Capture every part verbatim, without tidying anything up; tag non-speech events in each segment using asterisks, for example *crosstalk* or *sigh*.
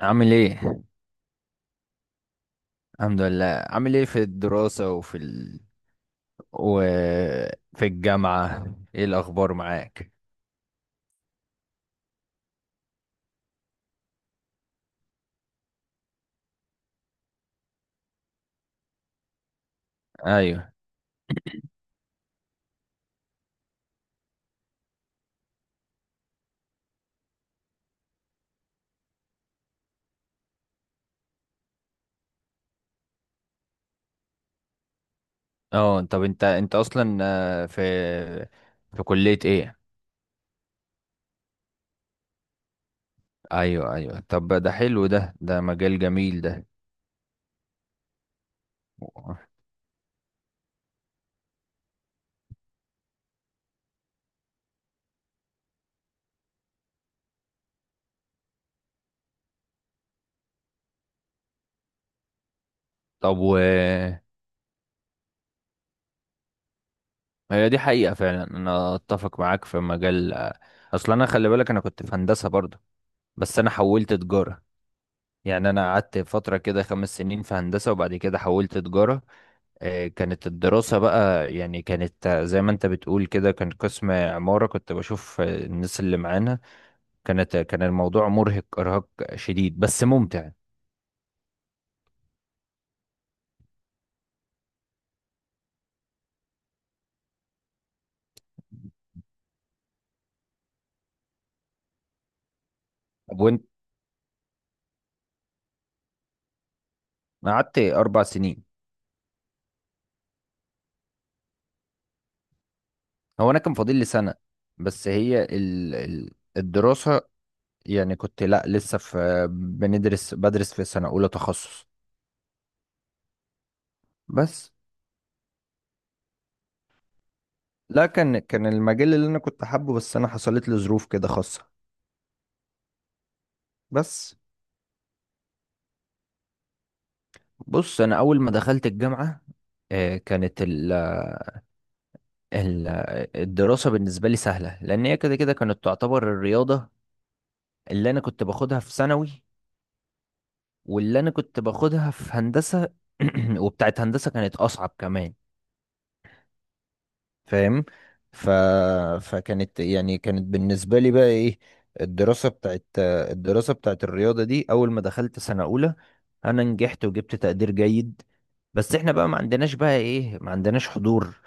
عامل ايه؟ الحمد لله. عامل ايه في الدراسة وفي ال... وفي الجامعة؟ ايه الاخبار معاك؟ ايوه. اه، طب انت انت اصلا، آه، في في كلية ايه؟ ايوه ايوه، طب ده حلو، ده ده مجال جميل ده. طب و هي دي حقيقة فعلا، انا اتفق معاك في مجال. اصلا انا خلي بالك، انا كنت في هندسة برضه، بس انا حولت تجارة. يعني انا قعدت فترة كده خمس سنين في هندسة، وبعد كده حولت تجارة. آه، كانت الدراسة بقى يعني، كانت آه، زي ما انت بتقول كده، كان قسم عمارة. كنت بشوف آه، الناس اللي معانا، كانت آه، كان الموضوع مرهق إرهاق شديد، بس ممتع. طب وانت، قعدت أربع سنين. هو أنا كان فاضل لي سنة، بس هي ال... ال- الدراسة، يعني كنت، لا لسه في، آه، بندرس بدرس في سنة أولى تخصص. بس لا، كان كان المجال اللي أنا كنت حابه، بس أنا حصلت لي ظروف كده خاصة. بس بص، أنا أول ما دخلت الجامعة آه، كانت ال- الدراسة بالنسبة لي سهلة، لأن هي كده كده كانت تعتبر الرياضة اللي أنا كنت باخدها في ثانوي، واللي أنا كنت باخدها في هندسة. *clears throat* وبتاعت هندسة كانت أصعب كمان. فاهم؟ ف... فكانت يعني، كانت بالنسبة لي بقى إيه، الدراسة بتاعت الدراسة بتاعت الرياضة دي. أول ما دخلت سنة أولى أنا نجحت وجبت تقدير جيد. بس إحنا بقى ما عندناش بقى إيه ما عندناش حضور،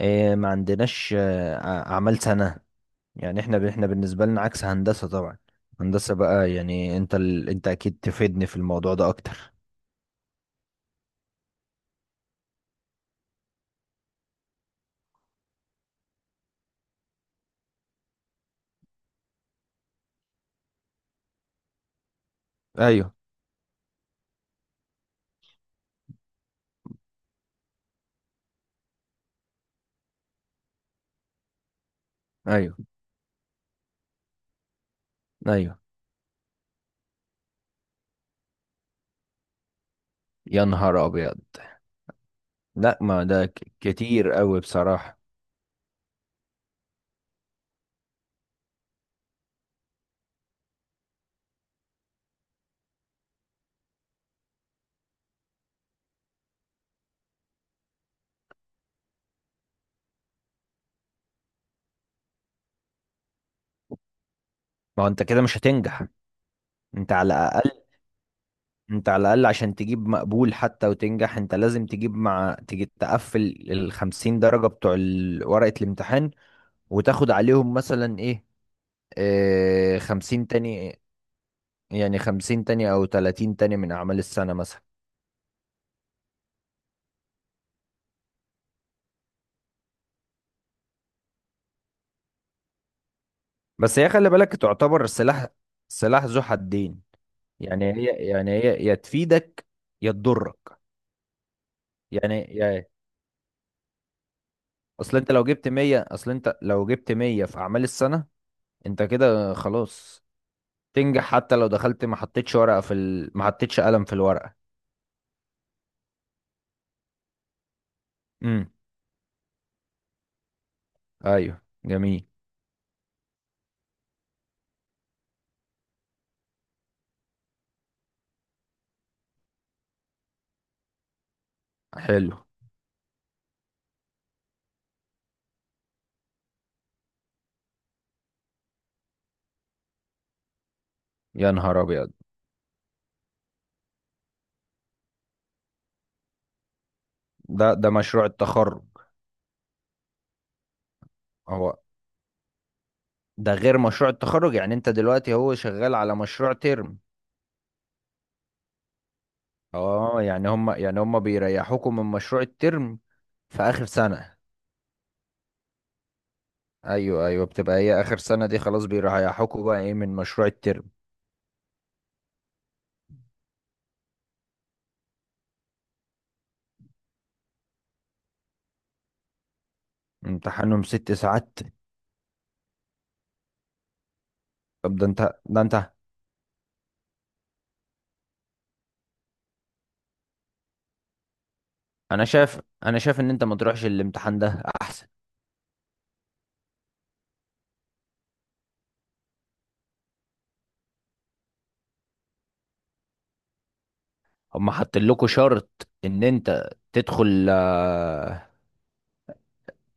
إيه، ما عندناش آه، أعمال سنة. يعني احنا، ب- احنا بالنسبة لنا عكس هندسة طبعا. هندسة بقى يعني، انت ال... انت اكيد تفيدني في الموضوع ده اكتر. ايوه، ايوه، ايوه. يا نهار ابيض! لا، ما ده ك... كتير قوي بصراحة. ما هو انت كده مش هتنجح. انت على الاقل، انت على الاقل عشان تجيب مقبول حتى وتنجح، انت لازم تجيب مع تجي تقفل ال خمسين درجة بتوع ال- ورقة الامتحان، وتاخد عليهم مثلا ايه، آه، خمسين تاني. يعني خمسين تاني او تلاتين تاني من اعمال السنة مثلا. بس هي خلي بالك، تعتبر سلاح، سلاح ذو حدين. يعني هي، يعني هي يا تفيدك يا تضرك. يعني يا اصل انت لو جبت مية، اصل انت لو جبت مية في اعمال السنة، انت كده خلاص. تنجح حتى لو دخلت، ما حطيتش ورقة في ال... ما حطيتش قلم في الورقة. امم. ايوه، جميل. حلو. يا نهار ابيض! ده ده مشروع التخرج. هو ده غير مشروع التخرج؟ يعني انت دلوقتي هو شغال على مشروع ترم. اه. يعني هم، يعني هم بيريحوكم من مشروع الترم في اخر سنة. ايوه ايوه، بتبقى هي اخر سنة دي، خلاص بيريحوكوا بقى ايه من مشروع الترم. امتحانهم ست ساعات! طب ده انت، ده انت، انا شايف، انا شايف ان انت ما تروحش الامتحان ده احسن. هم حاطين لكم شرط ان انت تدخل، آه،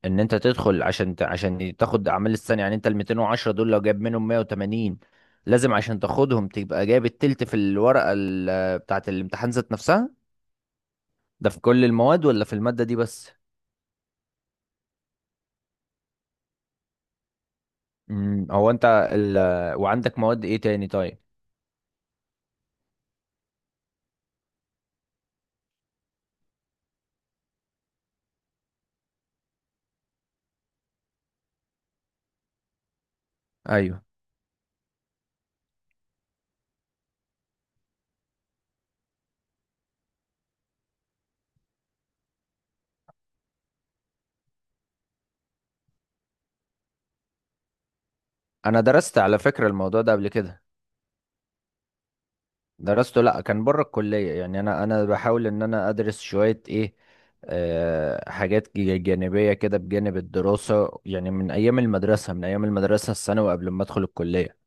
ان انت تدخل عشان ت- عشان تاخد اعمال السنة. يعني انت ال ميتين وعشرة دول، لو جايب منهم مية وتمانين، لازم عشان تاخدهم تبقى جايب التلت في الورقة ال- بتاعة الامتحان ذات نفسها. ده في كل المواد ولا في المادة دي بس؟ امم. هو انت ال... وعندك مواد ايه تاني طيب؟ ايوه. انا درست على فكرة الموضوع ده قبل كده. درسته، لا كان بره الكلية. يعني انا، انا بحاول ان انا ادرس شوية ايه، آه، حاجات ج- جانبية كده بجانب الدراسة، يعني من ايام المدرسة، من ايام المدرسة الثانوي قبل ما ادخل الكلية.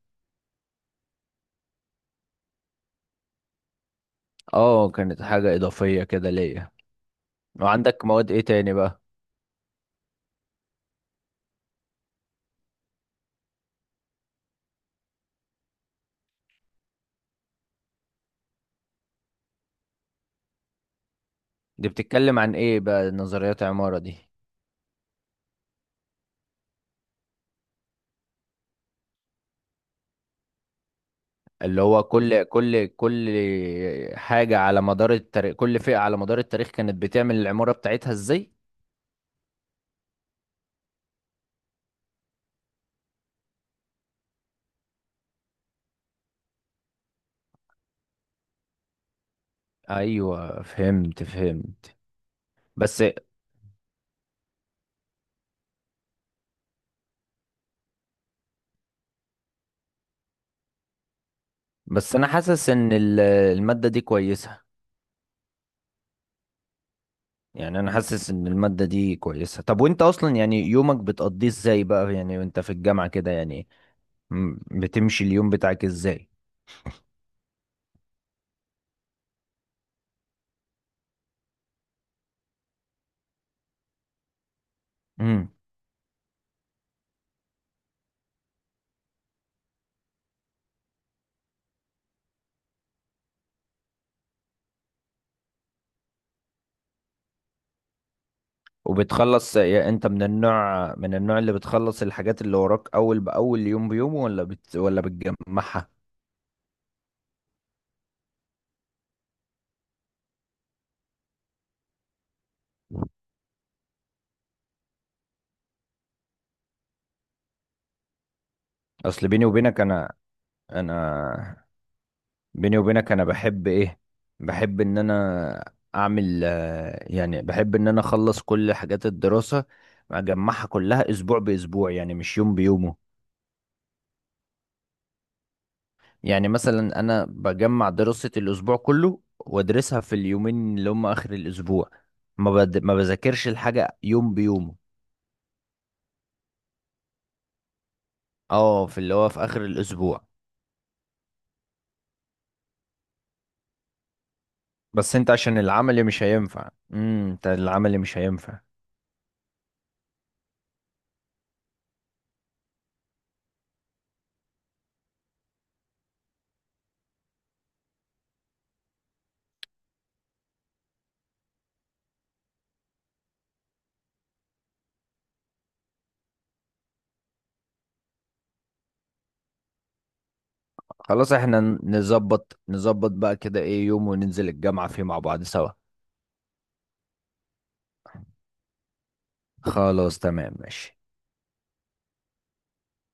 اه، كانت حاجة اضافية كده ليا. وعندك مواد ايه تاني بقى؟ دي بتتكلم عن ايه بقى نظريات عمارة دي؟ اللي هو كل كل كل حاجة على مدار التاريخ، كل فئة على مدار التاريخ كانت بتعمل العمارة بتاعتها ازاي. ايوه، فهمت فهمت. بس، بس انا حاسس ان ال- المادة دي كويسة. يعني انا حاسس ان المادة دي كويسة. طب وانت اصلا يعني، يومك بتقضيه ازاي بقى يعني وانت في الجامعة كده يعني، م- بتمشي اليوم بتاعك ازاي؟ امم. وبتخلص يعني؟ انت من النوع، من النوع اللي بتخلص الحاجات اللي وراك اول باول يوم بيوم، ولا بت ولا بتجمعها؟ اصل بيني وبينك انا، انا بيني وبينك انا بحب ايه، بحب ان انا اعمل، آه، يعني بحب ان انا اخلص كل حاجات الدراسة، اجمعها كلها اسبوع باسبوع، يعني مش يوم بيومه. يعني مثلا انا بجمع دراسة الاسبوع كله وادرسها في اليومين اللي هم اخر الاسبوع. ما بد... ما بذاكرش الحاجة يوم بيومه. اه، في اللي هو في اخر الاسبوع. بس انت عشان العمل مش هينفع، امم انت العمل مش هينفع. خلاص احنا، ن- نظبط نظبط بقى كده ايه يوم وننزل الجامعة فيه مع بعض سوا. خلاص، تمام، ماشي.